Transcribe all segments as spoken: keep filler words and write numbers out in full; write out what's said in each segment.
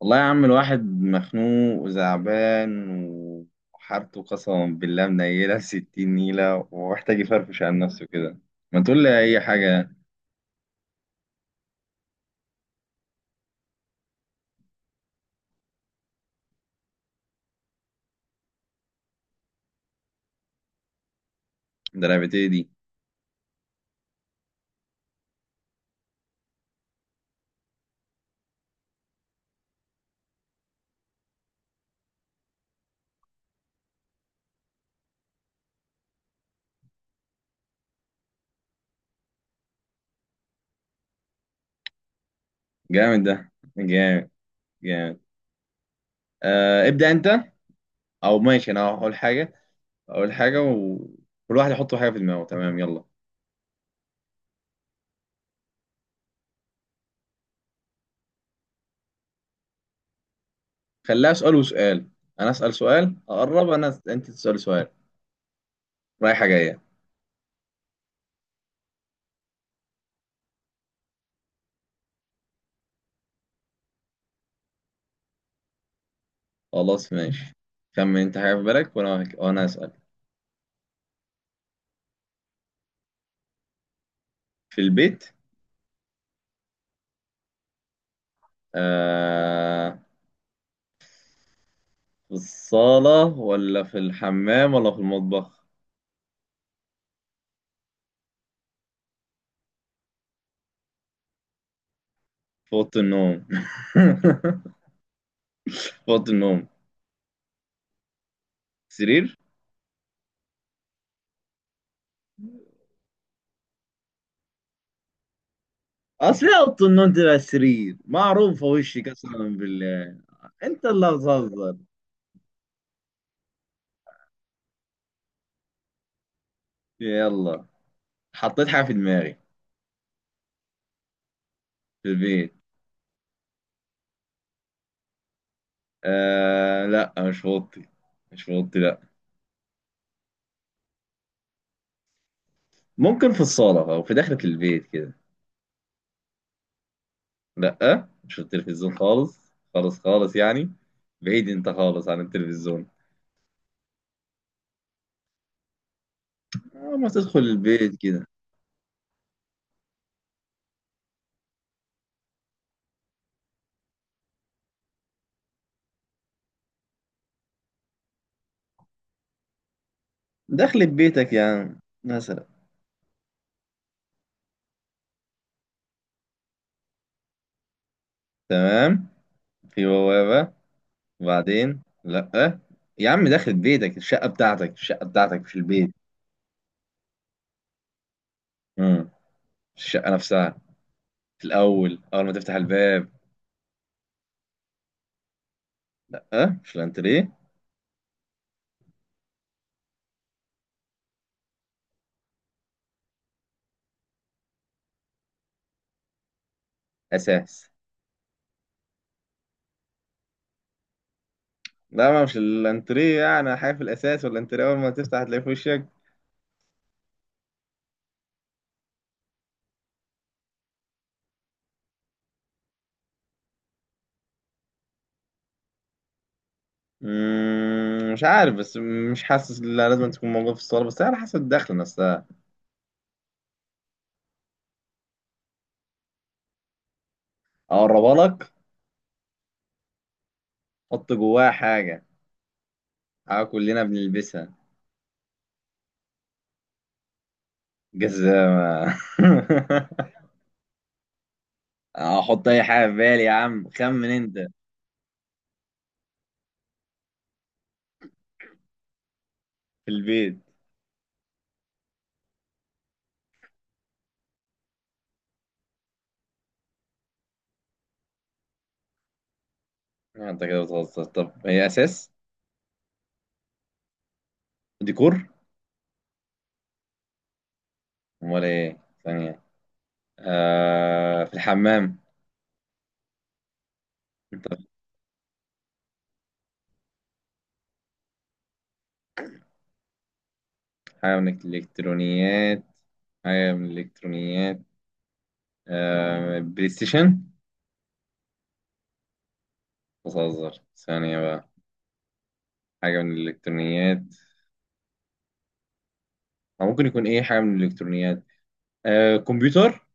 والله يا عم، الواحد مخنوق وزعبان وحارته، قسما بالله منيلة ستين نيلة، ومحتاج يفرفش عن نفسه كده. ما تقول لي أي حاجة. ده لعبتي دي. جامد، ده جامد، جامد. آه، ابدأ أنت. أو ماشي، أنا هقول حاجة. أقول حاجة وكل واحد يحط حاجة في دماغه، تمام؟ يلا. خليها سؤال وسؤال. أنا أسأل سؤال أقرب أنا، أنت تسأل سؤال. رايحة جاية. خلاص، ماشي. خمن أنت حاجة في بالك، وأنا وأنا أسأل. في البيت؟ آه. في الصالة ولا في الحمام ولا في المطبخ؟ في أوضة النوم؟ في أوضة النوم. سرير؟ أصل إيه، أوضة النوم تبقى سرير معروفة وشي قسما بالله. أنت اللي بتهزر. يلا. حطيت حاجة في دماغي. في البيت. آه، لا، مش في أوضتي. مش في أوضتي، لا. ممكن في الصالة أو في داخلة البيت كده. لا، مش في التلفزيون خالص. خالص خالص يعني. بعيد أنت خالص عن التلفزيون. آه، ما تدخل البيت كده. دخلت بيتك يا عم مثلا. تمام. في بوابة. وبعدين لأ. يا عم دخلت بيتك، الشقة بتاعتك الشقة بتاعتك، مش البيت. امم مش الشقة نفسها. في الأول، أول ما تفتح الباب. لأ، مش الأنتريه. أساس. لا ما مش الأنتريه، يعني حاجة في الأساس ولا الأنتريه، أول ما تفتح هتلاقيه في وشك. مم، مش عارف بس. مش حاسس إن لازم تكون موجودة في الصالة، بس على حسب الدخلة نفسها. أقربها لك. حط جواها حاجة. حاجة كلنا بنلبسها. جزامة. احط اي حاجة في بالي يا عم، خمن انت. في البيت. انت كده بتهزر، طب هي اساس؟ ديكور؟ امال ايه؟ ثانية. آه، في الحمام؟ طب. حاجة من الالكترونيات. حاجة من الالكترونيات. آه، بلاي ستيشن؟ بتهزر ثانية بقى. حاجة من الالكترونيات. أو ممكن يكون ايه حاجة من الالكترونيات. آه، كمبيوتر.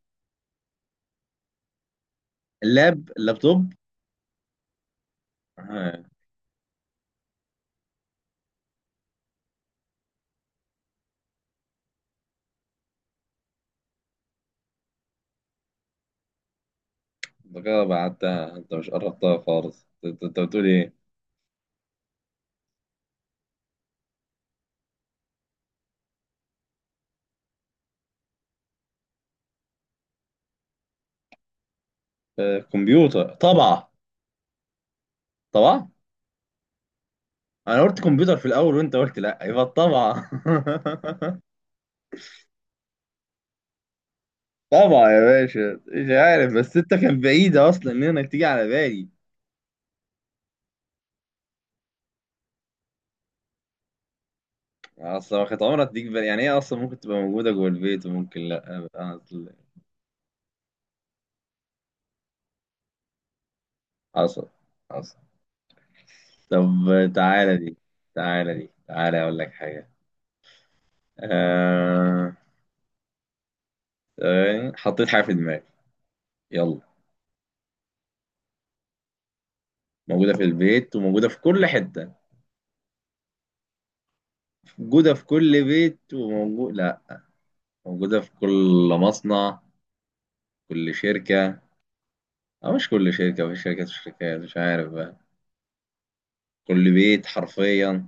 لاب لابتوب آه. انت كده بعدتها، انت مش قربتها خالص، انت انت بتقول ايه؟ آه، كمبيوتر طبعا. طبعا. انا قلت كمبيوتر في الاول وانت قلت لا، يبقى طبعا. طبعا يا باشا، مش عارف بس انت كان بعيدة اصلا ان انا تيجي على بالي. يعني اصلا ما كانت عمرها تيجي بالي، يعني هي اصلا ممكن تبقى موجودة جوه البيت وممكن لا اصل. حصل، حصل. طب. تعالى دي، تعالى دي، تعالى اقول لك حاجة. آه... ثواني، حطيت حاجة في دماغي. يلا. موجودة في البيت وموجودة في كل حتة. موجودة في كل بيت، وموجود لا. موجودة في كل مصنع، كل شركة. أو مش كل شركة، في شركات وشركات، مش عارف بقى. كل بيت حرفيا.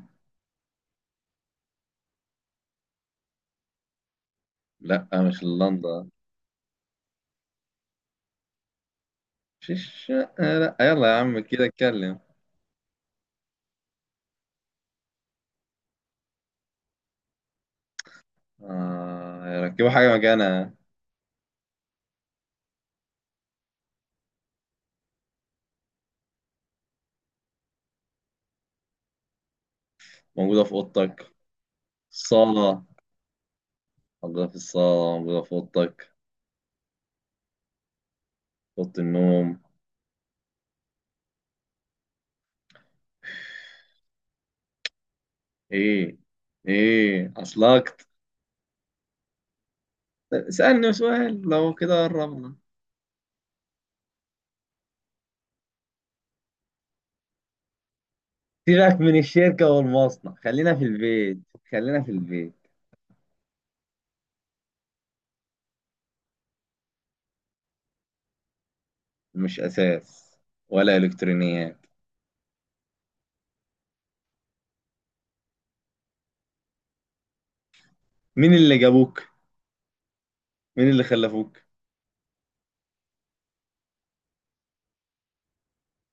لا، مش اللندن. مش الشقة، لا، يلا يا عم كده اتكلم. آه، ركبوا حاجة مكانها. موجودة في أوضتك. الصالة. موجودة في الصالة، موجودة في أوضتك، في أوضة النوم. إيه؟ إيه أصلك؟ اسألني سؤال، لو كده قربنا. سيبك من الشركة والمصنع، خلينا في البيت. خلينا في البيت. مش أساس ولا إلكترونيات. مين اللي جابوك؟ مين اللي خلفوك؟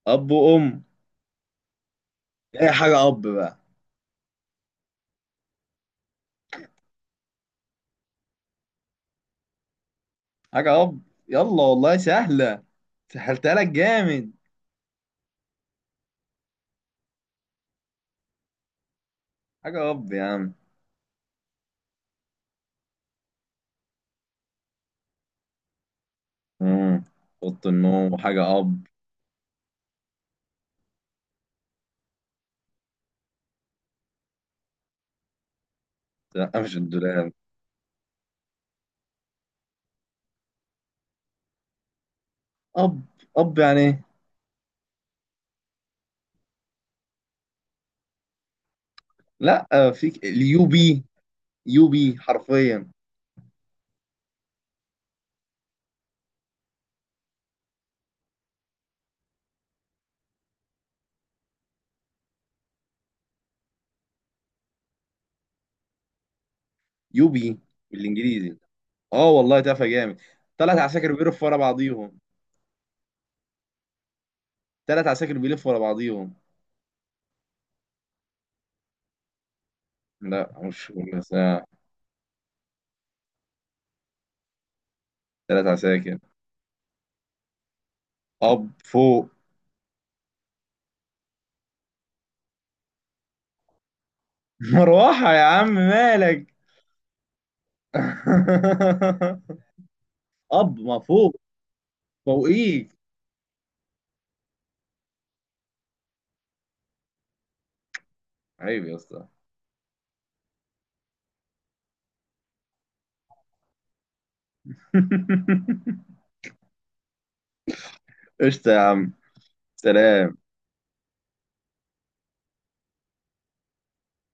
أب وأم. أي حاجة أب بقى. حاجة أب. يلا والله سهلة. سهلتها لك جامد. حاجة أب يا عم. مم. أوضة النوم وحاجة أب. لا، مش الدولاب. أب، أب يعني إيه؟ لا، فيك اليو بي. يو بي حرفيا. يو بي بالإنجليزي. أه والله تافه جامد. طلعت عساكر بيرفوا ورا بعضيهم. تلات عساكر بيلفوا ورا بعضيهم. لا، مش بس، آه، تلات عساكر. اب فوق. مروحة يا عم مالك. اب ما فوق. فوقيك. عيب يا اسطى. قشطة يا عم. سلام.